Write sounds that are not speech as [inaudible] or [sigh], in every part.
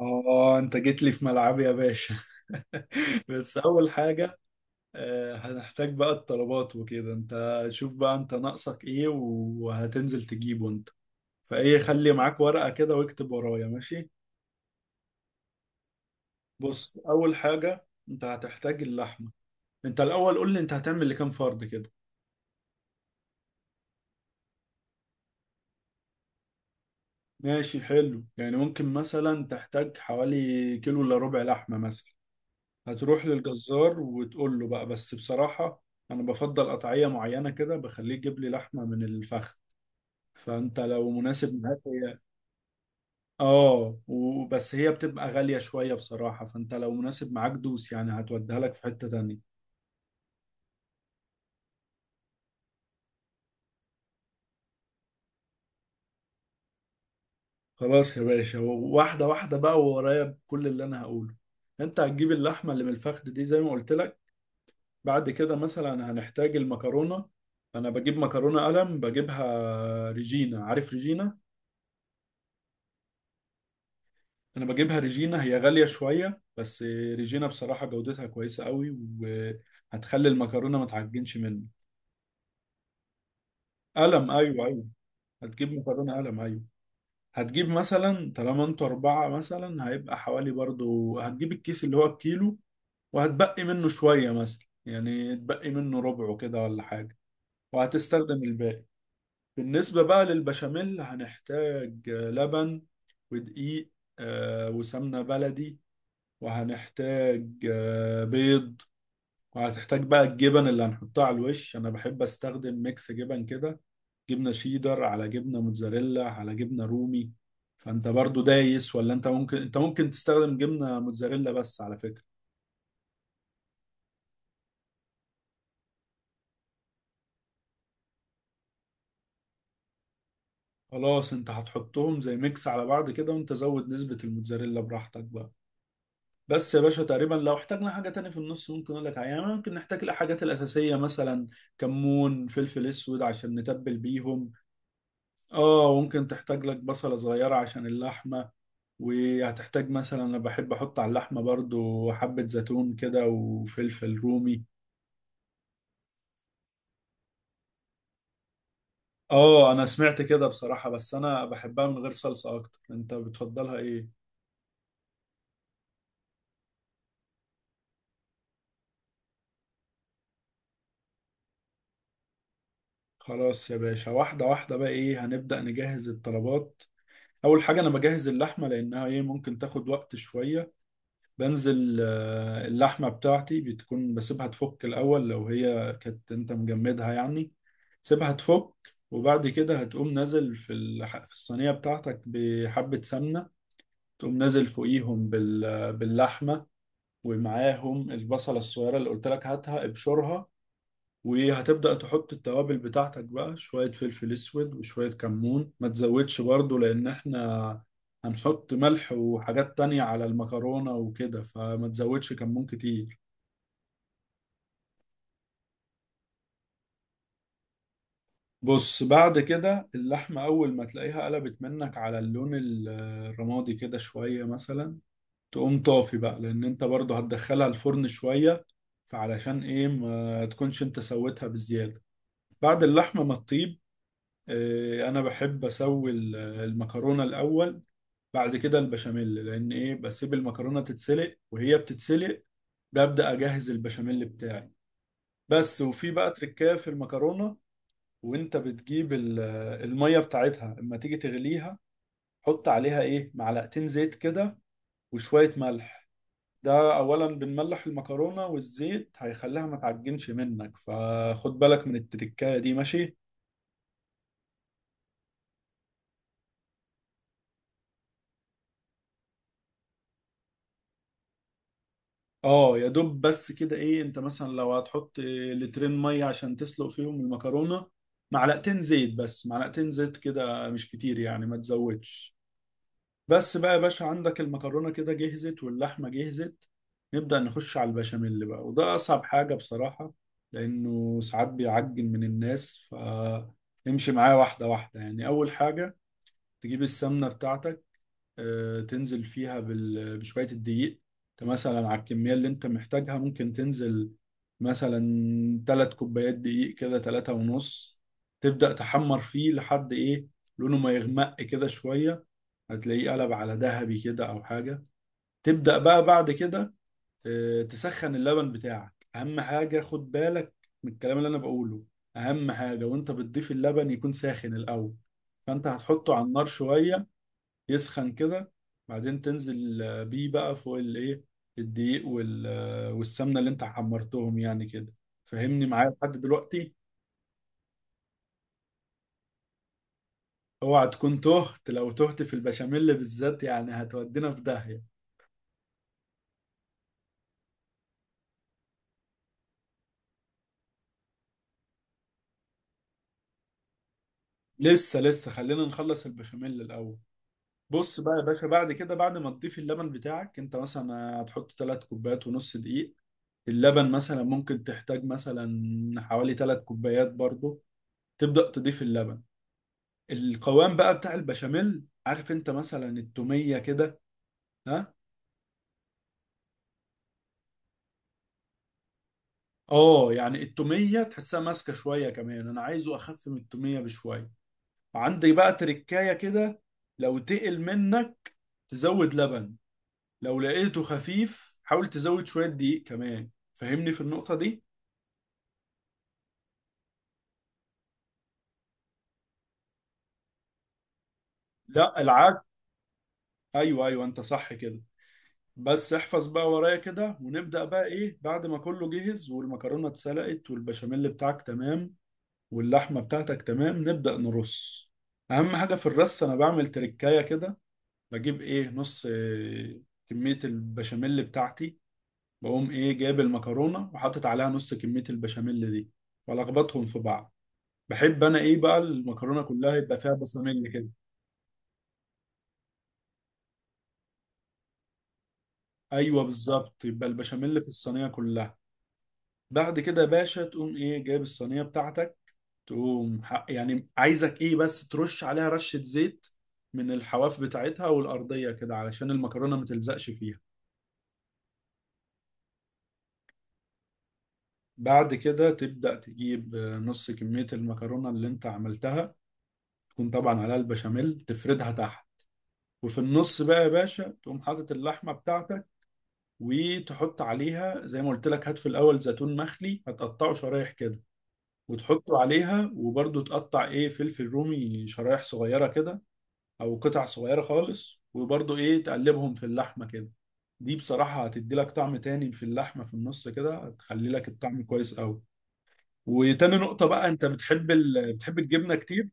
اه، انت جيت لي في ملعبي يا باشا. [laughs] بس اول حاجة، هنحتاج بقى الطلبات وكده. انت شوف بقى انت ناقصك ايه وهتنزل تجيبه انت، فايه خلي معاك ورقة كده واكتب ورايا. ماشي، بص اول حاجة انت هتحتاج اللحمة. انت الاول قول لي انت هتعمل لكام فرد كده؟ ماشي، حلو. يعني ممكن مثلا تحتاج حوالي كيلو الا ربع لحمة مثلا. هتروح للجزار وتقول له بقى، بس بصراحة أنا بفضل قطعية معينة كده، بخليه يجيب لي لحمة من الفخذ، فأنت لو مناسب معاك هي. آه، وبس هي بتبقى غالية شوية بصراحة، فأنت لو مناسب معاك دوس، يعني هتوديها لك في حتة تانية. خلاص يا باشا، واحدة واحدة بقى، وورايا كل اللي أنا هقوله. أنت هتجيب اللحمة اللي من الفخذ دي زي ما قلت لك. بعد كده مثلا هنحتاج المكرونة. أنا بجيب مكرونة قلم، بجيبها ريجينا، عارف ريجينا؟ انا بجيبها ريجينا، هي غالية شوية بس ريجينا بصراحة جودتها كويسة قوي، وهتخلي المكرونة ما تعجنش منه. قلم، ايوه ايوه، هتجيب مكرونة قلم ايوه. هتجيب مثلا طالما انتوا اربعة، مثلا هيبقى حوالي برضو، هتجيب الكيس اللي هو الكيلو، وهتبقي منه شوية، مثلا يعني تبقي منه ربعه كده ولا حاجة، وهتستخدم الباقي. بالنسبة بقى للبشاميل، هنحتاج لبن ودقيق، وسمنة بلدي، وهنحتاج بيض. وهتحتاج بقى الجبن اللي هنحطها على الوش، انا بحب استخدم ميكس جبن كده، جبنه شيدر على جبنه موتزاريلا على جبنه رومي. فانت برضو دايس، ولا انت ممكن تستخدم جبنه موتزاريلا بس على فكره. خلاص، انت هتحطهم زي ميكس على بعض كده، وانت زود نسبه الموتزاريلا براحتك بقى. بس يا باشا، تقريبا لو احتاجنا حاجه تانية في النص ممكن اقول لك عليها. يعني ممكن نحتاج الحاجات الاساسيه مثلا، كمون، فلفل اسود، عشان نتبل بيهم. اه ممكن تحتاج لك بصله صغيره عشان اللحمه. وهتحتاج مثلا، انا بحب احط على اللحمه برضو حبه زيتون كده، وفلفل رومي. اه انا سمعت كده بصراحه، بس انا بحبها من غير صلصه اكتر، انت بتفضلها ايه؟ خلاص يا باشا، واحده واحده بقى. ايه، هنبدا نجهز الطلبات. اول حاجه انا بجهز اللحمه، لانها ايه، ممكن تاخد وقت شويه. بنزل اللحمة بتاعتي بتكون بسيبها تفك الأول، لو هي كانت أنت مجمدها يعني، سيبها تفك. وبعد كده هتقوم نازل في الصينية بتاعتك بحبة سمنة، تقوم نازل فوقيهم باللحمة، ومعاهم البصلة الصغيرة اللي قلت لك هاتها ابشرها. وهتبدأ تحط التوابل بتاعتك بقى، شوية فلفل أسود وشوية كمون، ما تزودش برضو، لأن إحنا هنحط ملح وحاجات تانية على المكرونة وكده، فما تزودش كمون كتير. بص بعد كده اللحمة، أول ما تلاقيها قلبت منك على اللون الرمادي كده شوية مثلا، تقوم طافي بقى، لأن أنت برضو هتدخلها الفرن شوية، فعلشان إيه ما تكونش أنت سويتها بزيادة. بعد اللحمة ما تطيب، انا بحب اسوي المكرونه الاول. بعد كده البشاميل، لان ايه، بسيب المكرونه تتسلق وهي بتتسلق ببدا اجهز البشاميل بتاعي. بس وفي بقى تركايه في المكرونه، وانت بتجيب الميه بتاعتها اما تيجي تغليها، حط عليها ايه، معلقتين زيت كده، وشويه ملح. ده اولا بنملح المكرونه، والزيت هيخليها ما تعجنش منك، فخد بالك من التركايه دي ماشي. اه يا دوب، بس كده ايه، انت مثلا لو هتحط إيه لترين ميه عشان تسلق فيهم المكرونه، معلقتين زيت بس، معلقتين زيت كده مش كتير يعني، ما تزودش. بس بقى يا باشا، عندك المكرونه كده جهزت واللحمه جهزت، نبدأ نخش على البشاميل بقى، وده اصعب حاجه بصراحه، لانه ساعات بيعجن من الناس. فامشي معايا واحده واحده. يعني اول حاجه، تجيب السمنه بتاعتك، تنزل فيها بال- بشوية الدقيق. انت مثلا على الكمية اللي انت محتاجها ممكن تنزل مثلا تلات كوبايات دقيق كده، تلاتة ونص. تبدأ تحمر فيه لحد ايه، لونه ما يغمق كده شوية، هتلاقيه قلب على ذهبي كده او حاجة. تبدأ بقى بعد كده تسخن اللبن بتاعك. اهم حاجة، خد بالك من الكلام اللي انا بقوله، اهم حاجة وانت بتضيف اللبن يكون ساخن الاول. فانت هتحطه على النار شوية يسخن كده، بعدين تنزل بيه بقى فوق الايه، الدقيق والسمنه اللي انت حمرتهم يعني كده. فهمني معايا لحد دلوقتي. اوعى تكون تهت، لو تهت في البشاميل بالذات يعني هتودينا في داهيه. لسه لسه، خلينا نخلص البشاميل الاول. بص بقى يا باشا، بعد كده بعد ما تضيف اللبن بتاعك، انت مثلا هتحط ثلاث كوبايات ونص دقيق، اللبن مثلا ممكن تحتاج مثلا حوالي ثلاث كوبايات برضه. تبدأ تضيف اللبن، القوام بقى بتاع البشاميل، عارف انت مثلا التومية كده؟ ها. اه يعني التومية تحسها ماسكة شوية، كمان انا عايزه اخف من التومية بشوية، عندي بقى تركاية كده. لو تقل منك تزود لبن، لو لقيته خفيف حاول تزود شوية دقيق كمان. فهمني في النقطة دي. لا العك، ايوه ايوه انت صح كده. بس احفظ بقى ورايا كده، ونبدأ بقى ايه بعد ما كله جهز والمكرونة اتسلقت والبشاميل بتاعك تمام واللحمة بتاعتك تمام، نبدأ نرص. أهم حاجة في الرص، أنا بعمل تركاية كده، بجيب إيه نص كمية البشاميل بتاعتي، بقوم إيه جايب المكرونة وحاطط عليها نص كمية البشاميل دي، وألخبطهم في بعض. بحب أنا إيه بقى المكرونة كلها يبقى فيها بشاميل كده. أيوه بالظبط، يبقى البشاميل في الصينية كلها. بعد كده يا باشا، تقوم إيه جايب الصينية بتاعتك، تقوم يعني عايزك ايه بس ترش عليها رشة زيت من الحواف بتاعتها والأرضية كده، علشان المكرونة ما تلزقش فيها. بعد كده تبدأ تجيب نص كمية المكرونة اللي انت عملتها، تكون طبعا عليها البشاميل، تفردها تحت. وفي النص بقى يا باشا، تقوم حاطط اللحمة بتاعتك، وتحط عليها زي ما قلت لك. هات في الأول زيتون مخلي، هتقطعه شرايح كده وتحطه عليها، وبرضه تقطع ايه فلفل رومي شرايح صغيرة كده او قطع صغيره خالص، وبرضو ايه تقلبهم في اللحمه كده. دي بصراحه هتدي لك طعم تاني في اللحمه، في النص كده هتخلي لك الطعم كويس قوي. وتاني نقطة بقى، انت بتحب بتحب الجبنة كتير.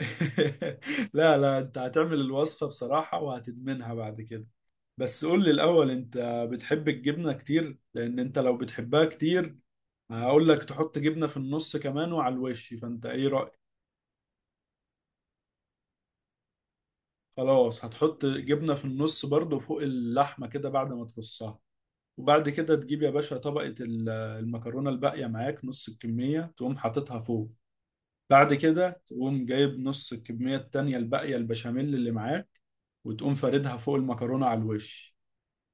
[laughs] لا لا، انت هتعمل الوصفة بصراحة وهتدمنها بعد كده. بس قول لي الاول انت بتحب الجبنة كتير، لان انت لو بتحبها كتير هقول لك تحط جبنة في النص كمان وعلى الوش، فانت ايه رأيك. خلاص، هتحط جبنة في النص برضو فوق اللحمة كده بعد ما تفصها. وبعد كده تجيب يا باشا طبقة المكرونة الباقية معاك، نص الكمية تقوم حاططها فوق. بعد كده تقوم جايب نص الكمية التانية الباقية البشاميل اللي معاك، وتقوم فاردها فوق المكرونة على الوش.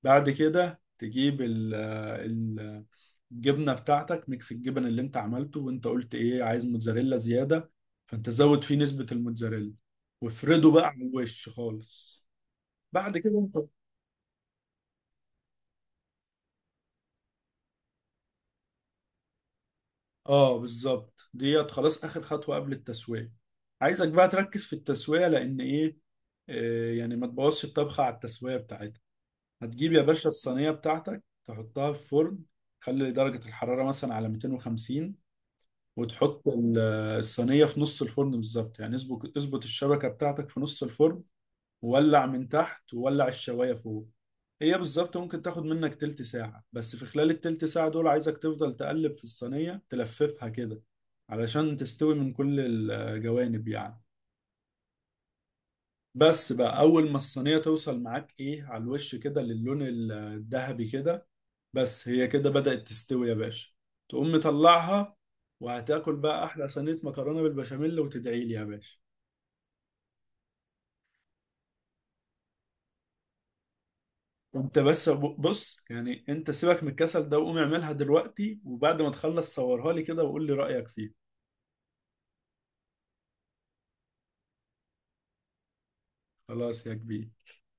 بعد كده تجيب الجبنة بتاعتك، ميكس الجبن اللي انت عملته، وانت قلت ايه عايز موتزاريلا زيادة، فانت زود فيه نسبة الموتزاريلا، وافرده بقى على الوش خالص. بعد كده انت، اه بالظبط، ديت خلاص اخر خطوه قبل التسويه. عايزك بقى تركز في التسويه، لان ايه، يعني ما تبوظش الطبخه على التسويه بتاعتها. هتجيب يا باشا الصينيه بتاعتك تحطها في فرن، خلي درجه الحراره مثلا على 250، وتحط الصينيه في نص الفرن بالظبط، يعني اظبط الشبكه بتاعتك في نص الفرن، وولع من تحت وولع الشوايه فوق. هي بالظبط ممكن تاخد منك تلت ساعة، بس في خلال التلت ساعة دول عايزك تفضل تقلب في الصينية، تلففها كده علشان تستوي من كل الجوانب يعني. بس بقى، أول ما الصينية توصل معاك إيه على الوش كده للون الذهبي كده، بس هي كده بدأت تستوي يا باشا، تقوم مطلعها، وهتاكل بقى أحلى صينية مكرونة بالبشاميل، وتدعيلي يا باشا. انت بس، بص يعني، انت سيبك من الكسل ده وقوم اعملها دلوقتي، وبعد ما تخلص صورها لي كده وقول لي رأيك فيها. خلاص يا كبير.